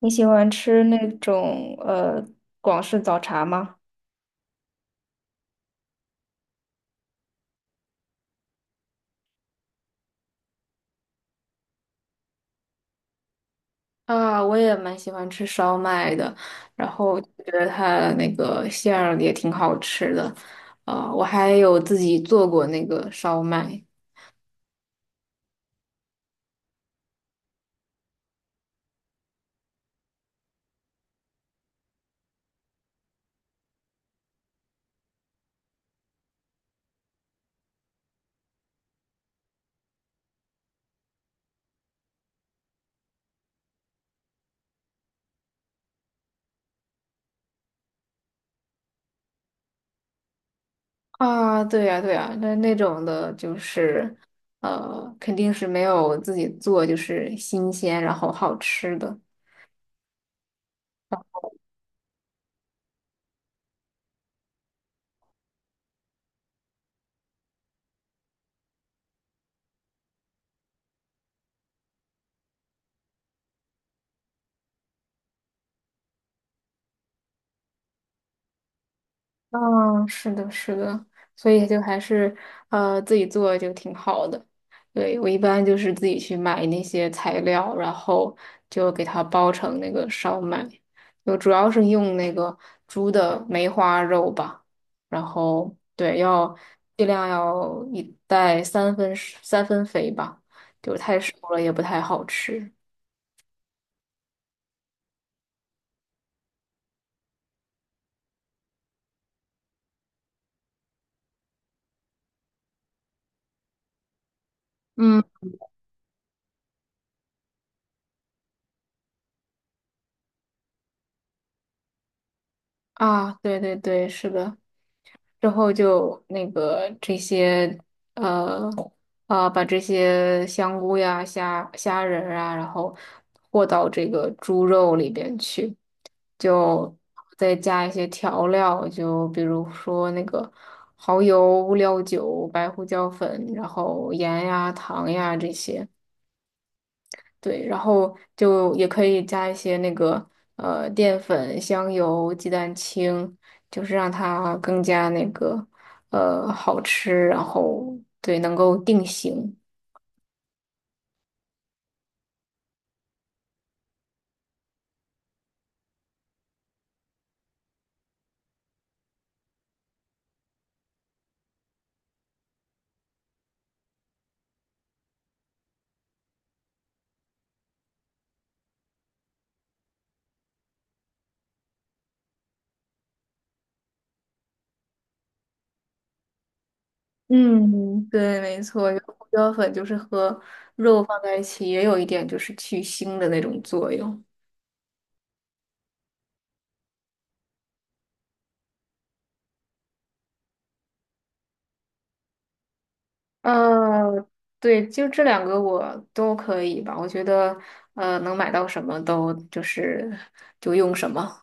你喜欢吃那种广式早茶吗？啊，我也蛮喜欢吃烧麦的，然后觉得它那个馅儿也挺好吃的，啊，我还有自己做过那个烧麦。啊，对呀，对呀，那那种的就是，肯定是没有自己做就是新鲜然后好吃的。嗯，是的，是的，所以就还是自己做就挺好的。对，我一般就是自己去买那些材料，然后就给它包成那个烧麦，就主要是用那个猪的梅花肉吧。然后对，要尽量要一袋三分肥吧，就太熟了也不太好吃。嗯，啊，对对对，是的。之后就那个这些呃把这些香菇呀、虾仁儿啊，然后和到这个猪肉里边去，就再加一些调料，就比如说那个蚝油、料酒、白胡椒粉，然后盐呀、糖呀这些。对，然后就也可以加一些那个淀粉、香油、鸡蛋清，就是让它更加那个好吃，然后对能够定型。嗯，对，没错，因为胡椒粉就是和肉放在一起，也有一点就是去腥的那种作用。呃，对，就这两个我都可以吧，我觉得能买到什么都就是就用什么。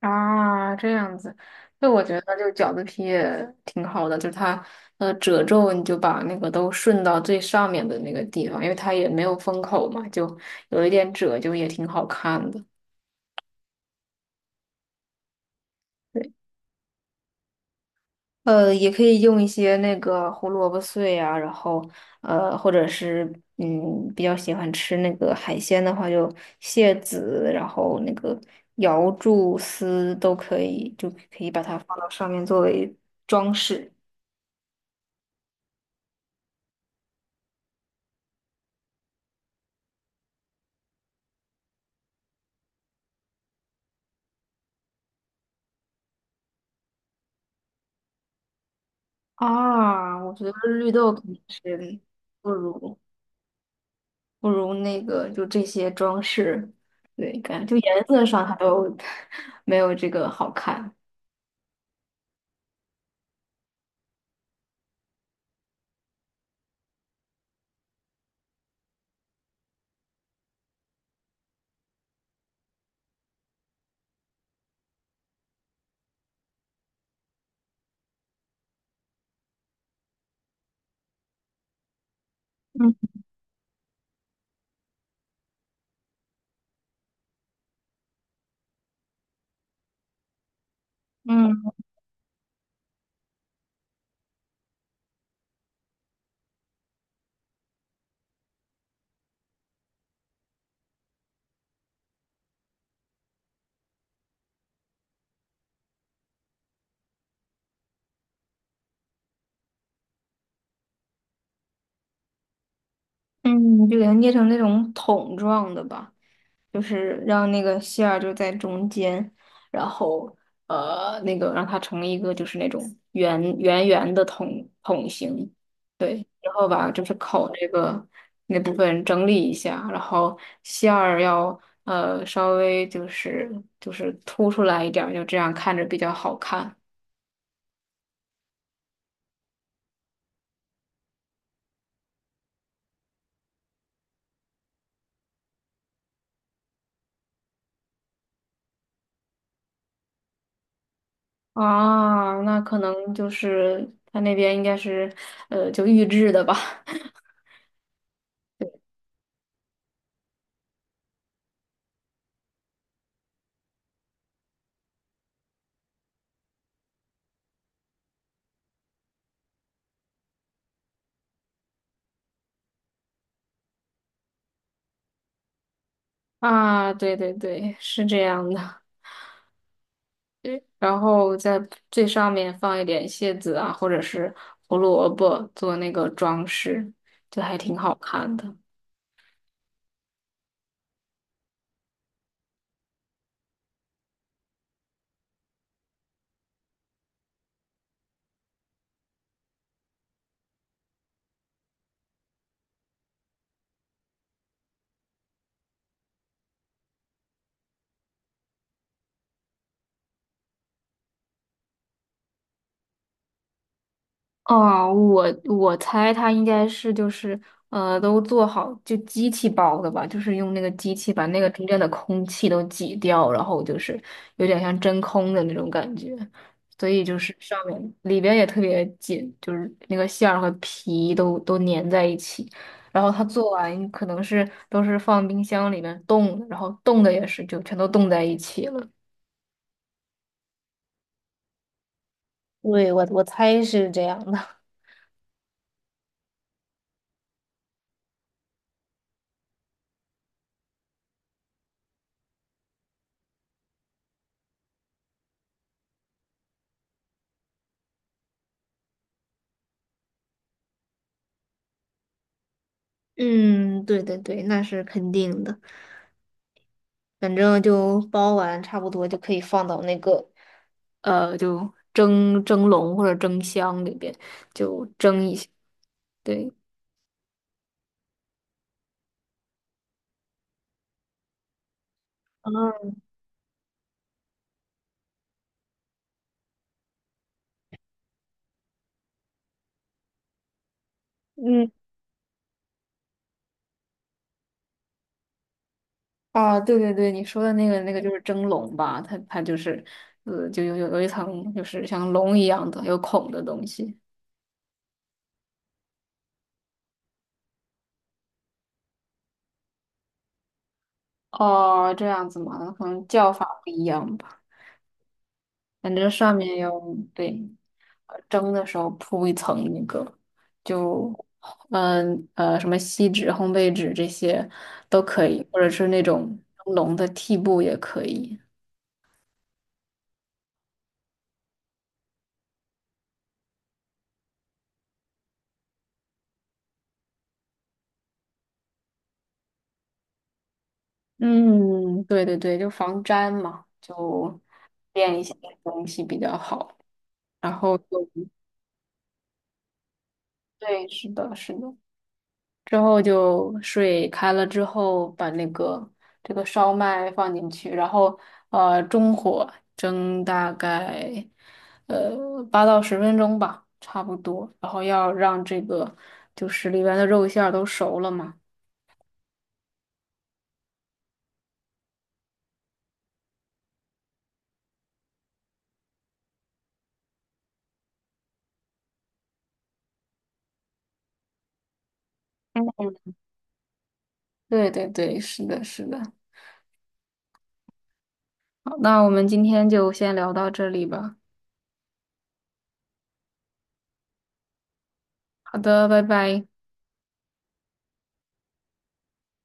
啊，这样子，那我觉得就饺子皮也挺好的，就是它褶皱，你就把那个都顺到最上面的那个地方，因为它也没有封口嘛，就有一点褶，就也挺好看的。对，也可以用一些那个胡萝卜碎啊，然后或者是比较喜欢吃那个海鲜的话，就蟹籽，然后那个瑶柱丝都可以，就可以把它放到上面作为装饰。啊，我觉得绿豆肯定是不如不如那个就这些装饰，对，感觉就颜色上它都 没有这个好看。嗯。嗯。嗯，就给它捏成那种桶状的吧，就是让那个馅儿就在中间，然后那个让它成一个就是那种圆的桶形，对，然后把就是口这个那部分整理一下，然后馅儿要稍微就是凸出来一点儿，就这样看着比较好看。啊，那可能就是他那边应该是，就预制的吧，啊，对对对，是这样的。对，然后在最上面放一点蟹子啊，或者是胡萝卜做那个装饰，就还挺好看的。哦，我猜它应该是就是都做好就机器包的吧，就是用那个机器把那个中间的空气都挤掉，然后就是有点像真空的那种感觉，所以就是上面里边也特别紧，就是那个馅儿和皮都粘在一起。然后它做完可能是都是放冰箱里面冻的，然后冻的也是就全都冻在一起了。对，我猜是这样的。嗯，对对对，那是肯定的。反正就包完差不多就可以放到那个，就蒸笼或者蒸箱里边就蒸一下。对，啊，嗯，啊，对对对，你说的那个就是蒸笼吧，它就是，就有一层就是像笼一样的有孔的东西。哦，这样子嘛，可能叫法不一样吧。反正上面要对，蒸的时候铺一层那个，就什么锡纸、烘焙纸这些都可以，或者是那种蒸笼的屉布也可以。嗯，对对对，就防粘嘛，就垫一些东西比较好。然后就对，是的，是的。之后就水开了之后，把那个这个烧麦放进去，然后中火蒸大概8到10分钟吧，差不多。然后要让这个就是里边的肉馅儿都熟了嘛。嗯，对对对，是的，是的。好，那我们今天就先聊到这里吧。好的，拜拜。